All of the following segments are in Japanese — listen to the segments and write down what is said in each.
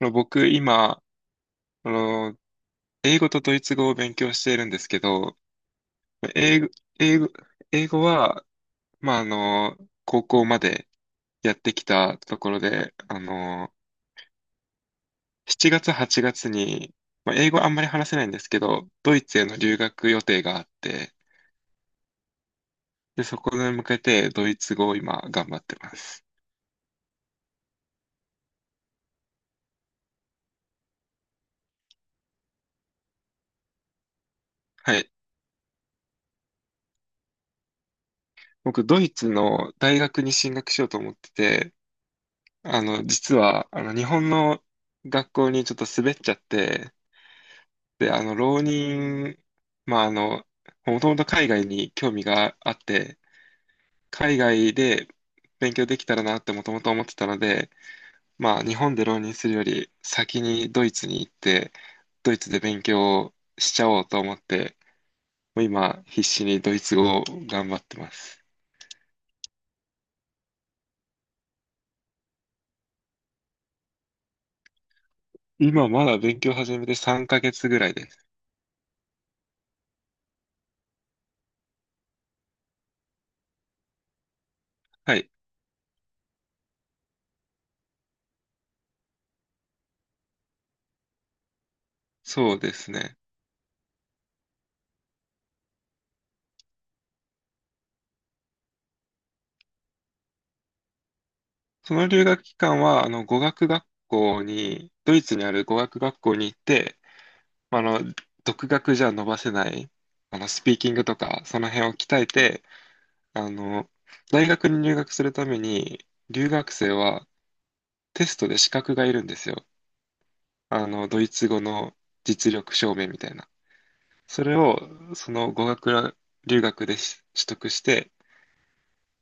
僕、今、あの、英語とドイツ語を勉強しているんですけど、英語、英語、英語は、まあ、高校までやってきたところで、7月、8月に、まあ、英語あんまり話せないんですけど、ドイツへの留学予定があって、で、そこに向けてドイツ語を今頑張ってます。はい。僕、ドイツの大学に進学しようと思ってて、実は、日本の学校にちょっと滑っちゃって、で、浪人、まあ、もともと海外に興味があって、海外で勉強できたらなってもともと思ってたので、まあ、日本で浪人するより先にドイツに行って、ドイツで勉強をしちゃおうと思って、もう今、必死にドイツ語を頑張ってます。今、まだ勉強始めて3ヶ月ぐらいです。はい、そうですね。その留学期間は、あの、語学学校に、ドイツにある語学学校に行って、まあの、独学じゃ伸ばせない、スピーキングとか、その辺を鍛えて、あの、大学に入学するために、留学生はテストで資格がいるんですよ。ドイツ語の実力証明みたいな。それを、その語学留学で取得して、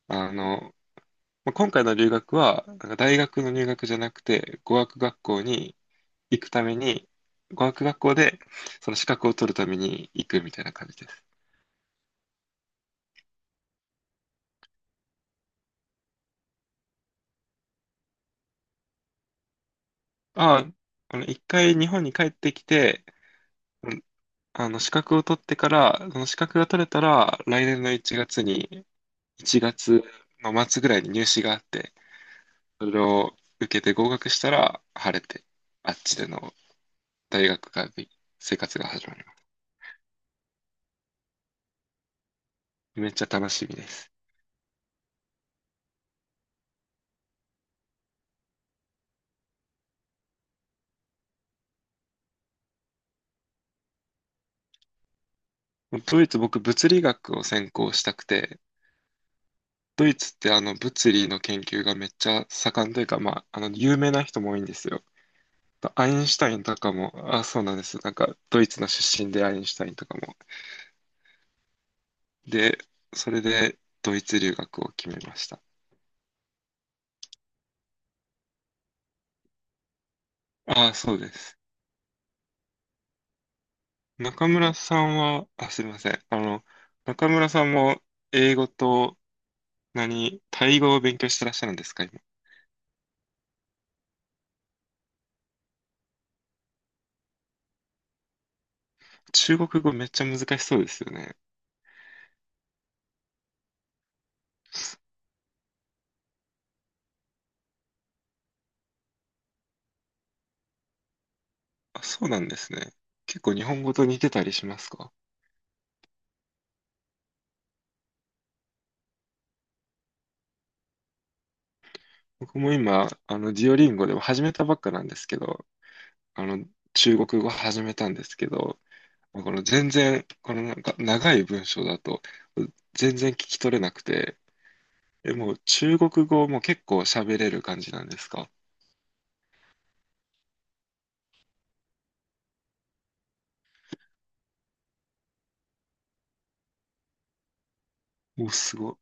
あの、まあ今回の留学は、なんか大学の入学じゃなくて、語学学校に行くために、語学学校でその資格を取るために行くみたいな感じです。あ、一回日本に帰ってきて、うん資格を取ってから、その資格が取れたら、来年の1月に、1月の末ぐらいに入試があって、それを受けて合格したら、晴れて、あっちでの大学が、生活が始まります。めっちゃ楽しみです。ドイツ、僕、物理学を専攻したくて、ドイツって物理の研究がめっちゃ盛んというか、まあ、有名な人も多いんですよ。アインシュタインとかも、あ、そうなんです。なんか、ドイツの出身でアインシュタインとかも。で、それで、ドイツ留学を決めました。あ、そうです。中村さんは、あ、すみません。中村さんも、英語と、何、タイ語を勉強してらっしゃるんですか、今。中国語めっちゃ難しそうですよね。あ、そうなんですね。結構日本語と似てたりしますか？僕も今、デュオリンゴでも始めたばっかなんですけど、あの、中国語始めたんですけど、このなんか長い文章だと全然聞き取れなくて、え、もう中国語も結構喋れる感じなんですか？もうすご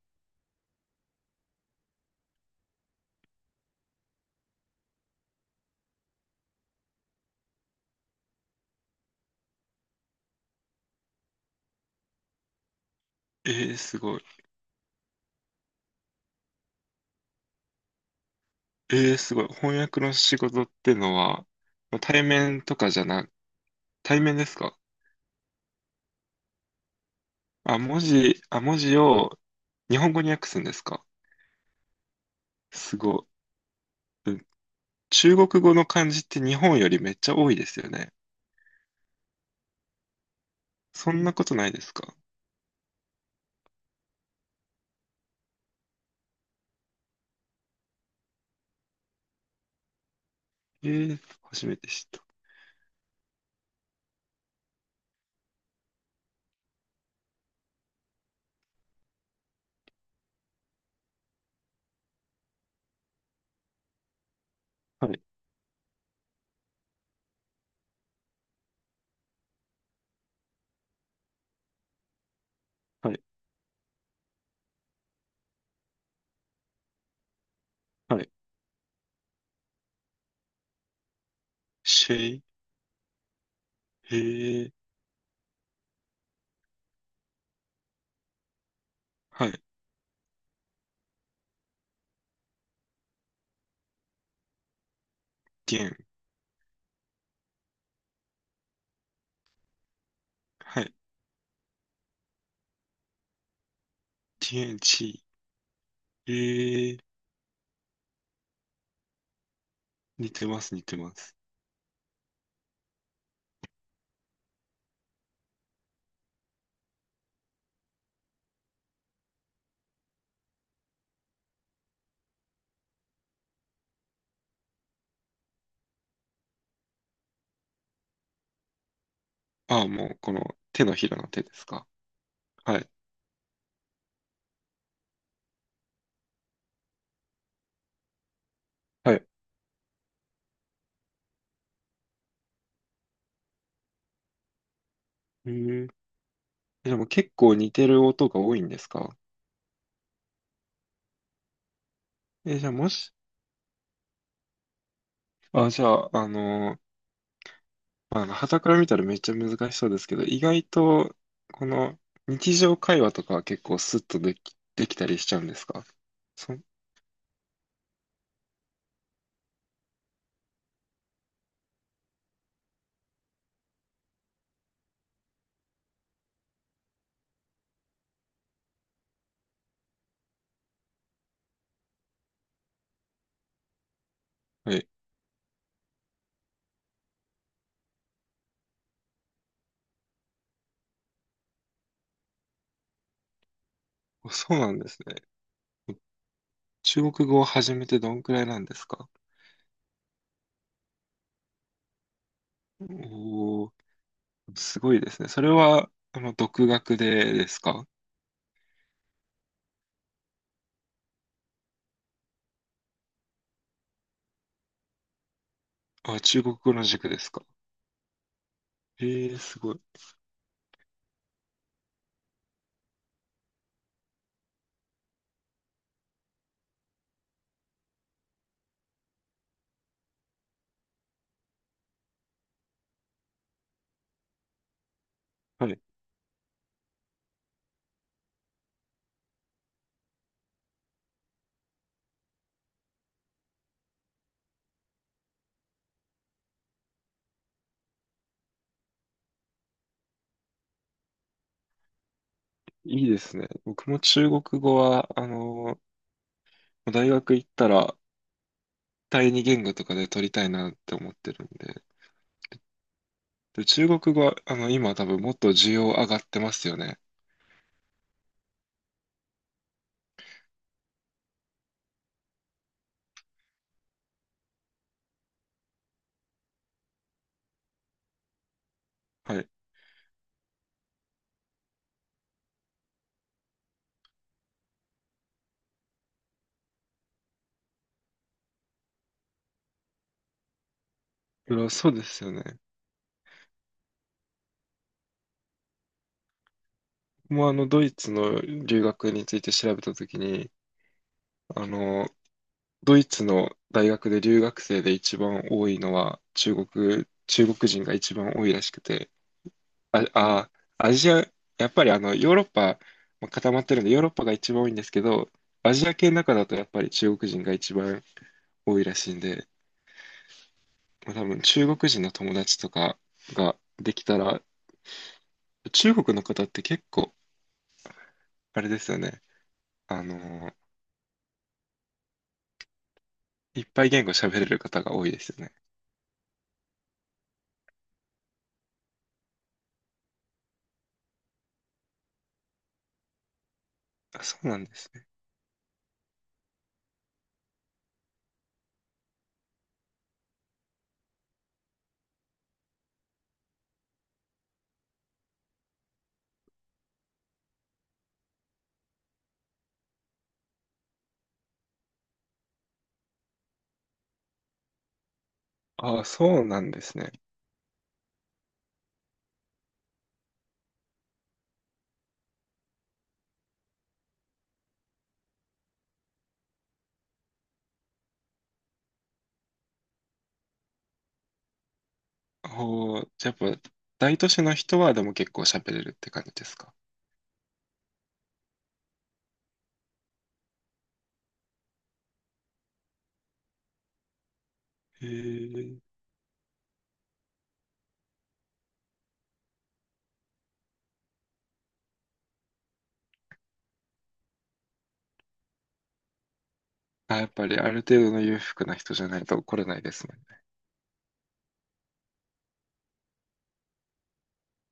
い。すごい。すごい。翻訳の仕事ってのは、対面とかじゃな、対面ですか？あ、文字を日本語に訳すんですか？すごい。うん。中国語の漢字って日本よりめっちゃ多いですよね。そんなことないですか？えー、初めて知った。はい、はい、はい。シェイ。へえ、はい、天、はい、天地、へえ、似てます、似てます。ああ、もう、この手のひらの手ですか。はい、はい。へえ、でも結構似てる音が多いんですか？え、じゃあ、あの、まあの、傍から見たらめっちゃ難しそうですけど、意外と、この日常会話とかは結構スッとできたりしちゃうんですか？そ、はい、そうなんですね。中国語を始めてどんくらいなんですか？おおー。すごいですね。それは、独学でですか？あ、中国語の塾ですか？ええすごい。はい。いいですね。僕も中国語は、大学行ったら、第二言語とかで取りたいなって思ってるんで。で、中国語は、今多分もっと需要上がってますよね。はい。いやそうですよね。もうドイツの留学について調べたときに、あの、ドイツの大学で留学生で一番多いのは中国人が一番多いらしくて、あ、あ、アジア、やっぱりヨーロッパ、まあ固まってるんでヨーロッパが一番多いんですけど、アジア系の中だとやっぱり中国人が一番多いらしいんで、まあ、多分中国人の友達とかができたら、中国の方って結構、あれですよね。あの、いっぱい言語喋れる方が多いですよね。あ、そうなんですね。あ、そうなんですね。ほう、じゃあやっぱ、大都市の人はでも結構喋れるって感じですか？へえ。あ、やっぱりある程度の裕福な人じゃないと来れないですね。